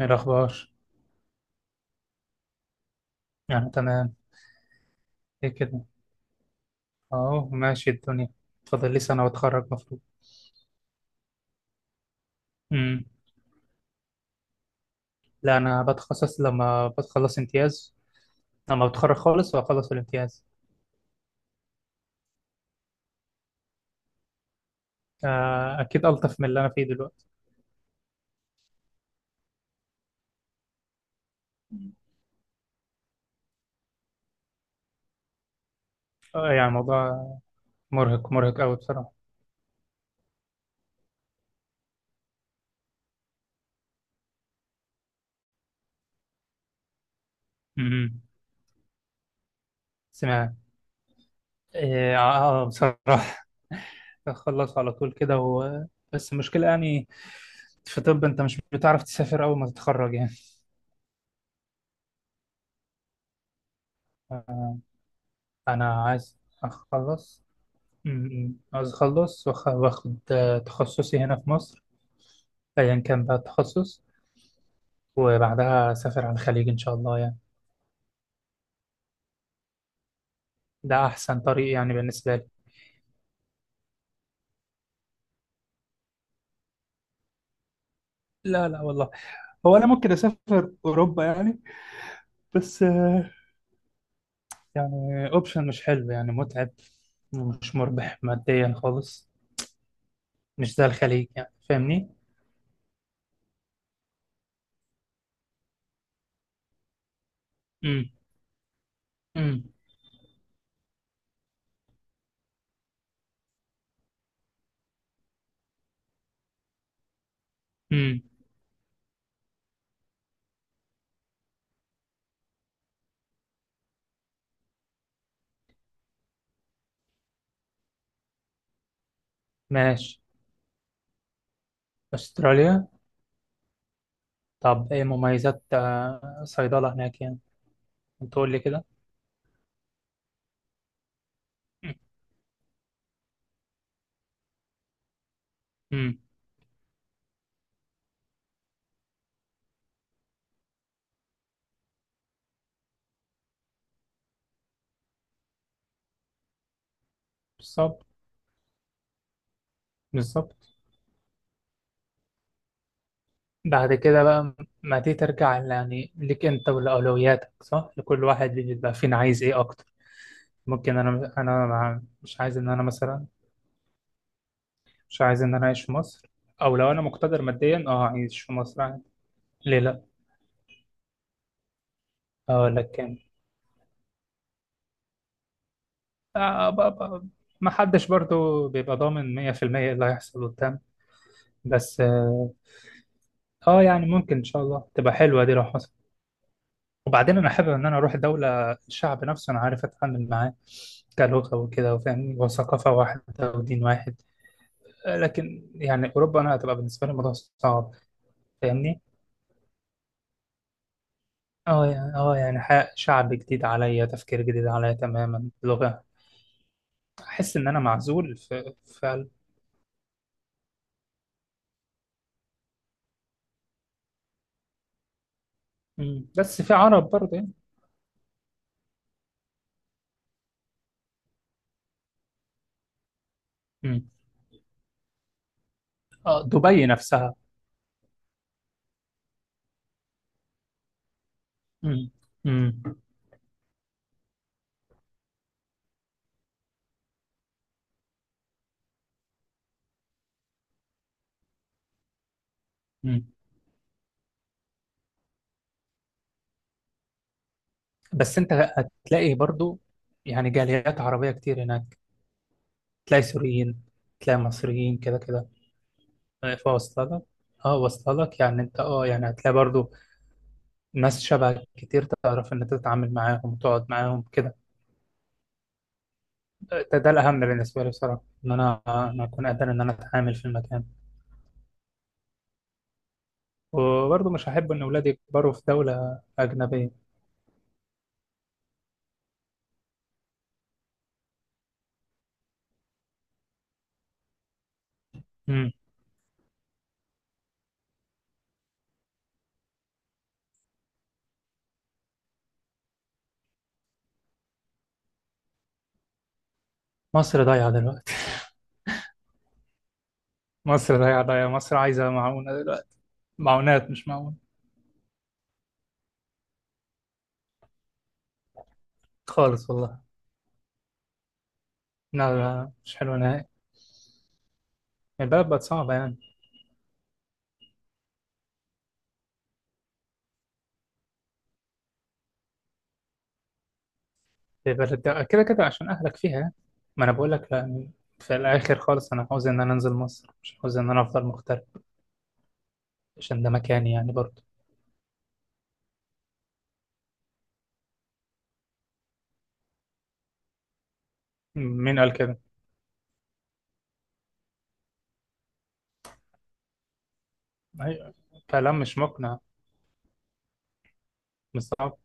إيه الأخبار؟ يعني تمام. إيه كده؟ أهو ماشي الدنيا. فاضل لي سنة وأتخرج مفروض. امم لا، أنا بتخصص لما بتخلص امتياز، لما بتخرج خالص وأخلص الامتياز. آه، أكيد ألطف من اللي أنا فيه دلوقتي. آه، يعني الموضوع مرهق مرهق أوي بصراحة. امم سمعت. إيه، آه. آه، بصراحة. أخلص على طول كده و... بس المشكلة يعني في طب أنت مش بتعرف تسافر أول ما تتخرج يعني. آه، أنا عايز أخلص. م- م. عاوز أخلص وآخد، تخصصي هنا في مصر، أيا كان بقى التخصص، وبعدها أسافر على الخليج إن شاء الله يعني. ده أحسن طريق يعني بالنسبة لي. لا، لا والله. هو أنا ممكن أسافر أوروبا يعني، بس يعني أوبشن مش حلو يعني متعب، ومش مربح ماديا خالص، مش زي الخليج يعني. فاهمني؟ امم. امم. امم. ماشي. أستراليا. طب إيه مميزات صيدلة هناك يعني؟ تقول لي كده؟ امم. بالظبط. بالظبط. بعد كده بقى، ما دي ترجع يعني ليك انت ولأولوياتك، صح، لكل واحد بيبقى فينا عايز ايه اكتر. ممكن انا مش عايز ان انا مثلا. مش عايز ان انا اعيش في مصر، او لو انا مقتدر ماديا اعيش في مصر عادي. ليه لا. اه، لكن آه ب- ب- ما حدش برضو بيبقى ضامن 100% ايه اللي هيحصل قدام. بس يعني ممكن ان شاء الله تبقى حلوة دي لو حصل. وبعدين انا حابب ان انا اروح دوله الشعب نفسه انا عارف اتعامل معاه، كلغه وكده وفاهم، وثقافه واحده ودين واحد. لكن يعني اوروبا انا هتبقى بالنسبه لي الموضوع صعب. فاهمني؟ اه يعني يعني شعب جديد عليا، تفكير جديد عليا تماما، لغه. احس ان انا معزول في. فعلا. مم. بس في عرب برضه يعني. مم. اه، دبي نفسها. مم. مم. مم. بس انت هتلاقي برضه يعني جاليات عربيه كتير هناك، تلاقي سوريين، تلاقي مصريين كده كده. شايف؟ اوصل لك يعني، انت يعني هتلاقي برضو ناس شبهك كتير، تعرف ان انت تتعامل معاهم وتقعد معاهم كده. ده الاهم بالنسبه لي بصراحه، ان انا اكون قادر ان انا اتعامل في المكان. وبرضو مش هحب ان اولادي يكبروا في دوله اجنبيه. امم. مصر ضايعه دلوقتي. مصر ضايعه ضايعه، مصر عايزه معونه دلوقتي، معونات مش معونه. خالص والله. لا، لا، مش حلوه نهائي. البلد بقت صعبه يعني. في بلد، ده كده كده عشان أهلك فيها. ما أنا بقول لك، لا، في الآخر خالص أنا عاوز إن أنا أنزل مصر، مش عاوز إن أنا أفضل مغترب، عشان ده مكاني يعني برضه. مين قال كده؟ أيوة. كلام مش مقنع. مش صعب.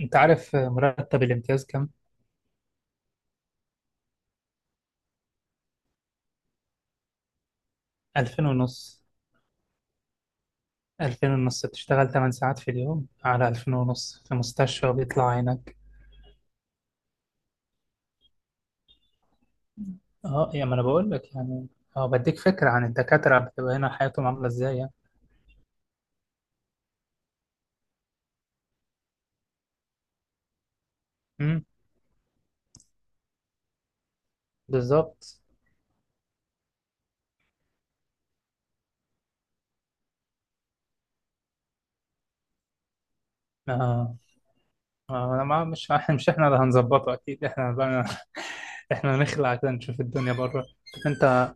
أنت عارف مرتب الامتياز كام؟ 2000 ونص. 2000 ونص، بتشتغل 8 ساعات في اليوم على 2000 ونص في مستشفى وبيطلع عينك. أه، يا ما أنا بقول لك يعني. أه بديك فكرة عن الدكاترة، بتبقى هنا حياتهم عاملة إزاي يعني. أمم. بالظبط. آه، آه، انا ما مش مش احنا اللي هنظبطه، اكيد احنا بقى. احنا نخلع عشان نشوف الدنيا بره. طب انت،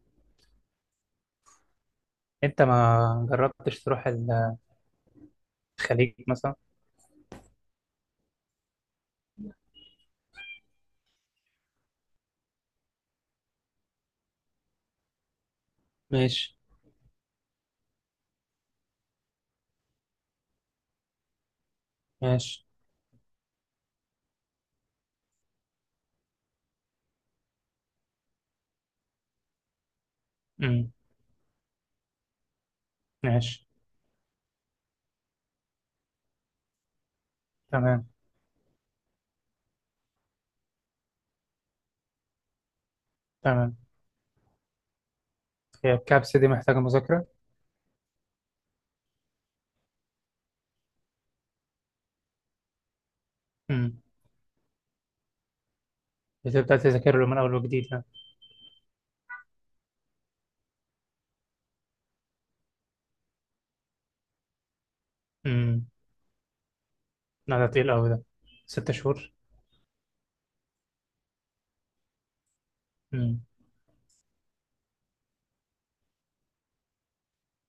ما جربتش تروح الخليج مثلا؟ ماشي. ماشي. امم. ماشي. تمام. تمام. هي الكبسة دي محتاجة مذاكرة. امم. بتبدأ تذاكر له من اول وجديد يعني. امم. لا ده تقيل قوي ده. 6 شهور. امم.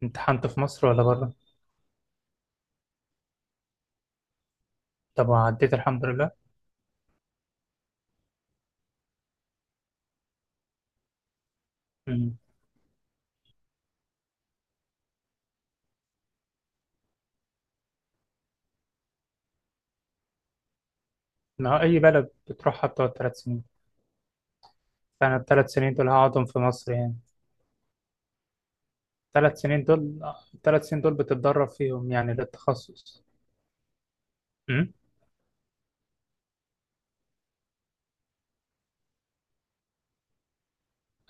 امتحنت في مصر ولا بره؟ طب وعديت الحمد لله. امم. ما هو اي بلد بتروحها بتقعد 3 سنين. فانا الثلاث سنين دول هقعدهم في مصر يعني. 3 سنين دول. الثلاث سنين دول بتتدرب فيهم يعني للتخصص. أمم.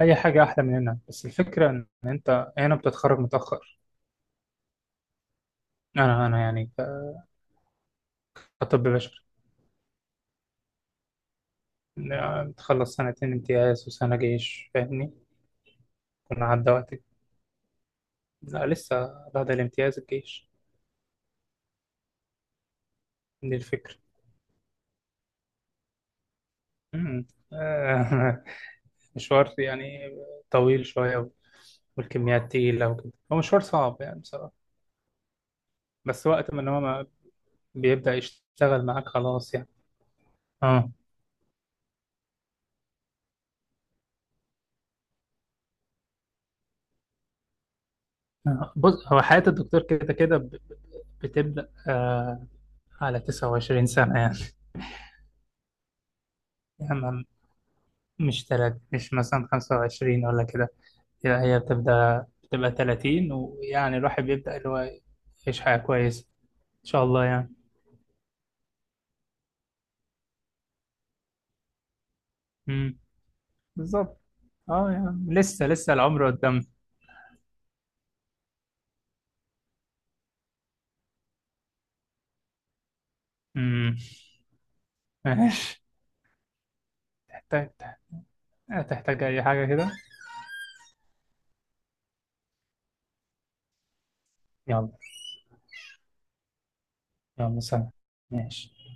اي حاجه احلى من هنا، بس الفكره ان انت هنا بتتخرج متاخر. انا يعني كطب بشري، يعني تخلص سنتين امتياز وسنه جيش. فاهمني؟ كنا عدى وقتي. لا، لسه بعد الامتياز الجيش، دي الفكره. أمم. آه. مشوار يعني طويل شويه، والكميات تقيله وكده، هو مشوار صعب يعني بصراحه. بس وقت ما إن هو ما بيبدا يشتغل معاك خلاص يعني. اه. آه، بص هو حياة الدكتور كده كده بتبدأ على 29 سنة يعني. يعني مش تلات مش مثلا 25 ولا كده. يعني هي بتبدأ بتبقى 30، ويعني الواحد بيبدأ اللي هو يعيش حياة كويسة إن شاء الله يعني. امم. بالظبط. اه يعني، لسه لسه العمر قدام. امم. ماشي. تحتاج، أي حاجة كده. يلا. يلا سلام. ماشي.